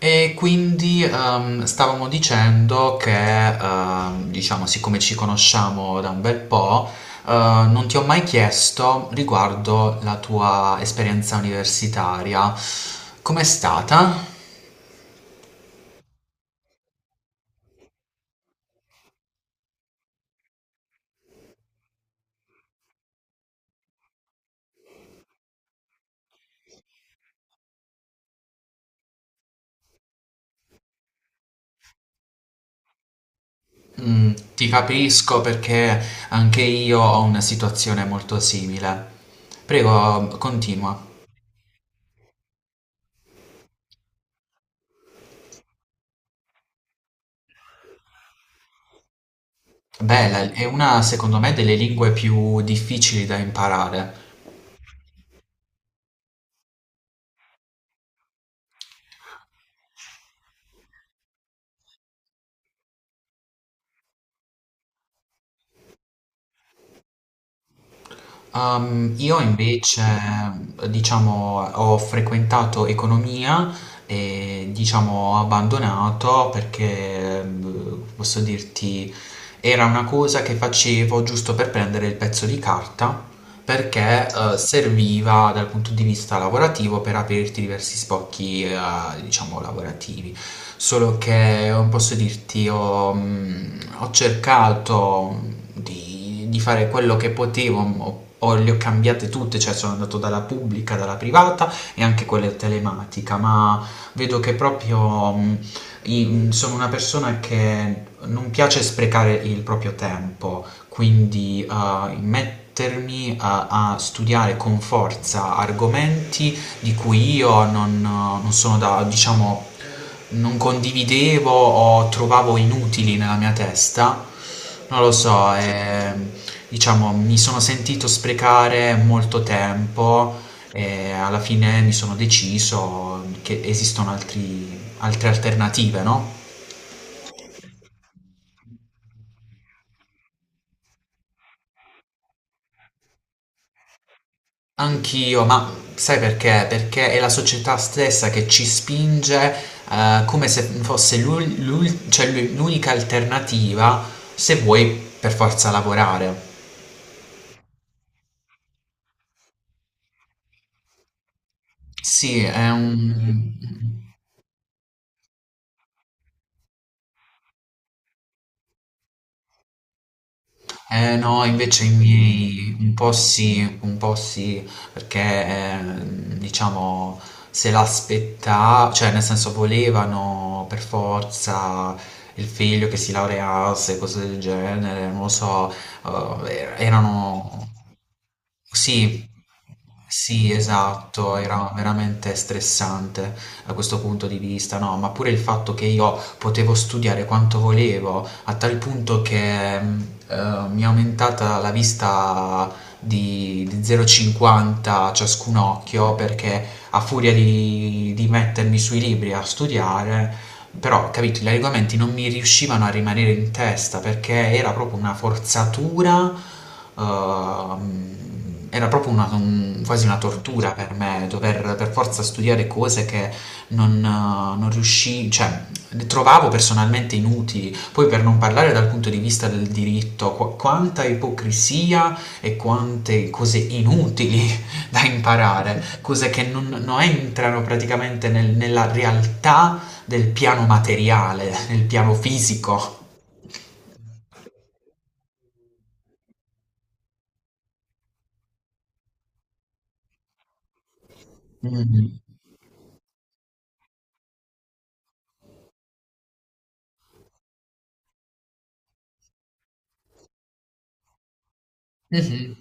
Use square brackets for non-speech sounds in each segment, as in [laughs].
E quindi stavamo dicendo che, diciamo, siccome ci conosciamo da un bel po', non ti ho mai chiesto riguardo la tua esperienza universitaria. Com'è stata? Mm, ti capisco perché anche io ho una situazione molto simile. Prego, continua. Bella, è una, secondo me, delle lingue più difficili da imparare. Io invece, diciamo, ho frequentato economia e, diciamo, ho abbandonato perché, posso dirti, era una cosa che facevo giusto per prendere il pezzo di carta perché serviva dal punto di vista lavorativo per aprirti diversi spocchi, diciamo, lavorativi. Solo che non posso dirti, ho cercato di fare quello che potevo, le ho cambiate tutte, cioè sono andato dalla pubblica, dalla privata e anche quella telematica, ma vedo che proprio sono una persona che non piace sprecare il proprio tempo quindi mettermi a studiare con forza argomenti di cui io non sono da, diciamo, non condividevo o trovavo inutili nella mia testa, non lo so, diciamo, mi sono sentito sprecare molto tempo e alla fine mi sono deciso che esistono altre alternative, no? Anch'io, ma sai perché? Perché è la società stessa che ci spinge, come se fosse l'unica alternativa se vuoi per forza lavorare. Sì, è un. Eh no, invece i miei un po' sì, perché diciamo se l'aspettava, cioè nel senso volevano per forza il figlio che si laureasse, cose del genere, non lo so, erano. Sì, sì, esatto, era veramente stressante da questo punto di vista, no? Ma pure il fatto che io potevo studiare quanto volevo, a tal punto che mi è aumentata la vista di 0,50 ciascun occhio perché a furia di mettermi sui libri a studiare, però capito, gli argomenti non mi riuscivano a rimanere in testa perché era proprio una forzatura, ehm, era proprio quasi una tortura per me dover per forza studiare cose che non riuscii, cioè le trovavo personalmente inutili. Poi per non parlare dal punto di vista del diritto, quanta ipocrisia e quante cose inutili da imparare, cose che non entrano praticamente nella realtà del piano materiale, nel piano fisico. Mhm. Mhm.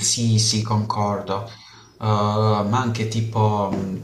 Sì, sì, concordo. Ma anche tipo,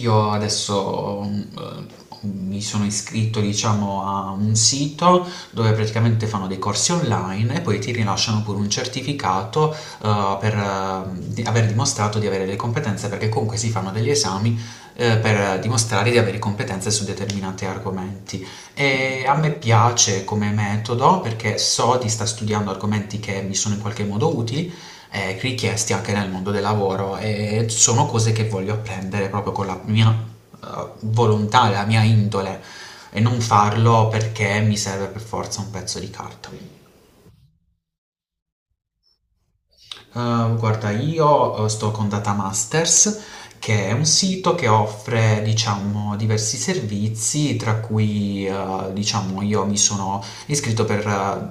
io adesso mi sono iscritto, diciamo, a un sito dove praticamente fanno dei corsi online e poi ti rilasciano pure un certificato, per aver dimostrato di avere le competenze, perché comunque si fanno degli esami, per dimostrare di avere competenze su determinati argomenti. E a me piace come metodo perché so di sta studiando argomenti che mi sono in qualche modo utili richiesti anche nel mondo del lavoro e sono cose che voglio apprendere proprio con la mia eh, volontà, la mia indole e non farlo perché mi serve per forza un pezzo di carta. Guarda, io sto con Data Masters, che è un sito che offre, diciamo, diversi servizi, tra cui, diciamo, io mi sono iscritto per,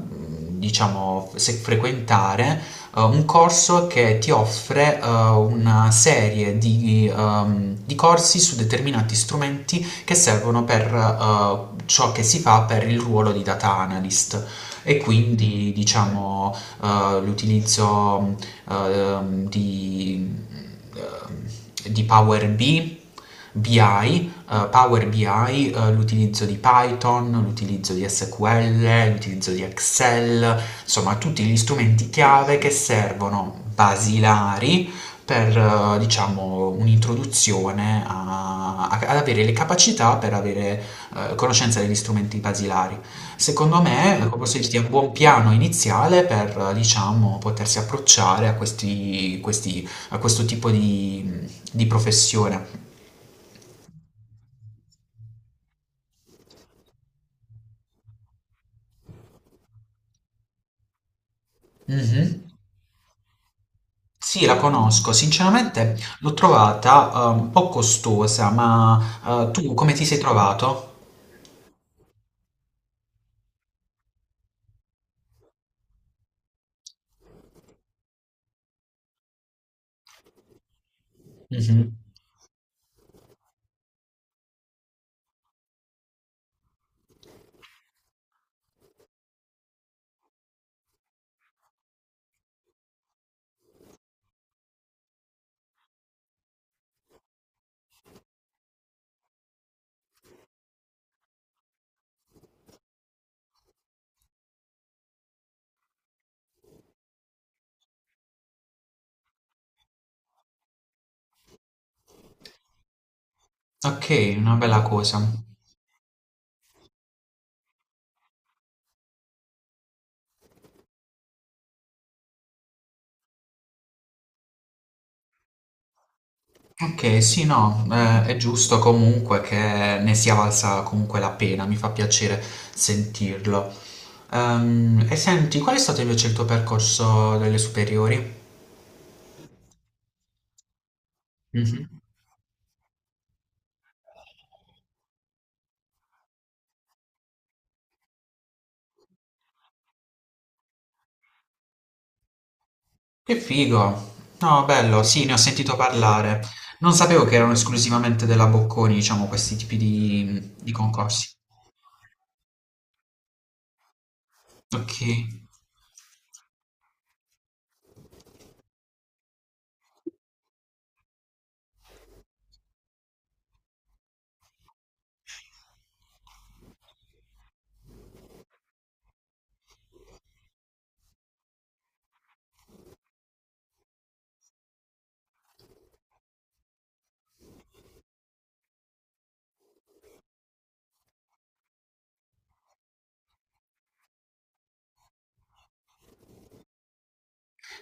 diciamo, frequentare un corso che ti offre una serie di corsi su determinati strumenti che servono per ciò che si fa per il ruolo di data analyst. E quindi, diciamo, l'utilizzo eh, ehm, di, di Power BI, BI, Power BI, l'utilizzo di Python, l'utilizzo di SQL, l'utilizzo di Excel, insomma tutti gli strumenti chiave che servono basilari per, diciamo, un'introduzione ad avere le capacità per avere conoscenza degli strumenti basilari. Secondo me, come posso dirti, è un buon piano iniziale per, diciamo, potersi approcciare a a questo tipo di professione. Mhm. Sì, la conosco. Sinceramente l'ho trovata un po' costosa, ma tu come ti sei trovato? Mhm. Ok, una bella cosa. Ok, sì, no, è giusto comunque che ne sia valsa comunque la pena, mi fa piacere sentirlo. E senti, qual è stato invece il tuo percorso delle superiori? Mhm. Che figo! No, bello, sì, ne ho sentito parlare. Non sapevo che erano esclusivamente della Bocconi, diciamo, questi tipi di concorsi. Ok.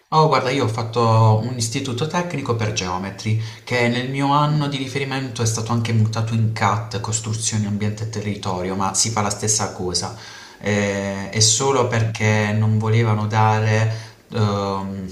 Oh, guarda, io ho fatto un istituto tecnico per geometri, che nel mio anno di riferimento è stato anche mutato in CAT, costruzioni, ambiente e territorio, ma si fa la stessa cosa. È solo perché non volevano dare, ehm,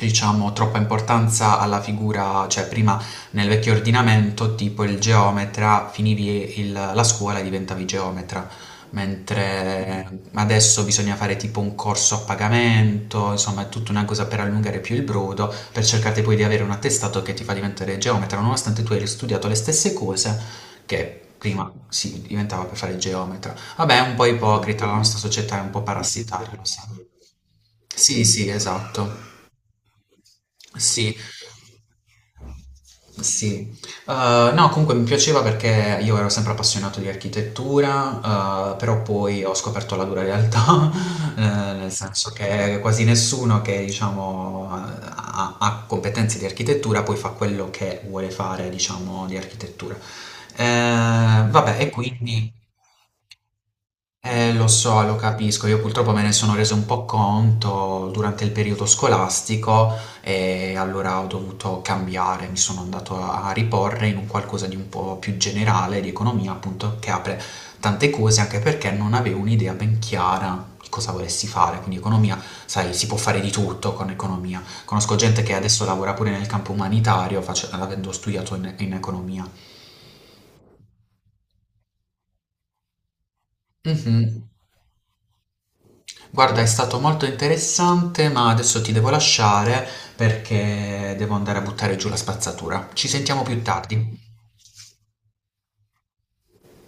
diciamo, troppa importanza alla figura, cioè prima nel vecchio ordinamento, tipo il geometra, finivi la scuola e diventavi geometra. Mentre adesso bisogna fare tipo un corso a pagamento, insomma è tutta una cosa per allungare più il brodo, per cercare poi di avere un attestato che ti fa diventare geometra, nonostante tu hai studiato le stesse cose che prima si diventava per fare il geometra. Vabbè, è un po' ipocrita, la nostra società è un po' parassitaria, lo so. Sì, sì, esatto. Sì, sì, eh no, comunque mi piaceva perché io ero sempre appassionato di architettura, però poi ho scoperto la dura realtà, [laughs] nel senso che quasi nessuno che diciamo, ha competenze di architettura poi fa quello che vuole fare, diciamo, di architettura. Vabbè, e quindi. Lo so, lo capisco, io purtroppo me ne sono reso un po' conto durante il periodo scolastico e allora ho dovuto cambiare, mi sono andato a riporre in un qualcosa di un po' più generale, di economia appunto, che apre tante cose anche perché non avevo un'idea ben chiara di cosa volessi fare, quindi economia, sai, si può fare di tutto con economia. Conosco gente che adesso lavora pure nel campo umanitario, avendo studiato in economia. Mhm. Guarda, è stato molto interessante, ma adesso ti devo lasciare perché devo andare a buttare giù la spazzatura. Ci sentiamo più tardi.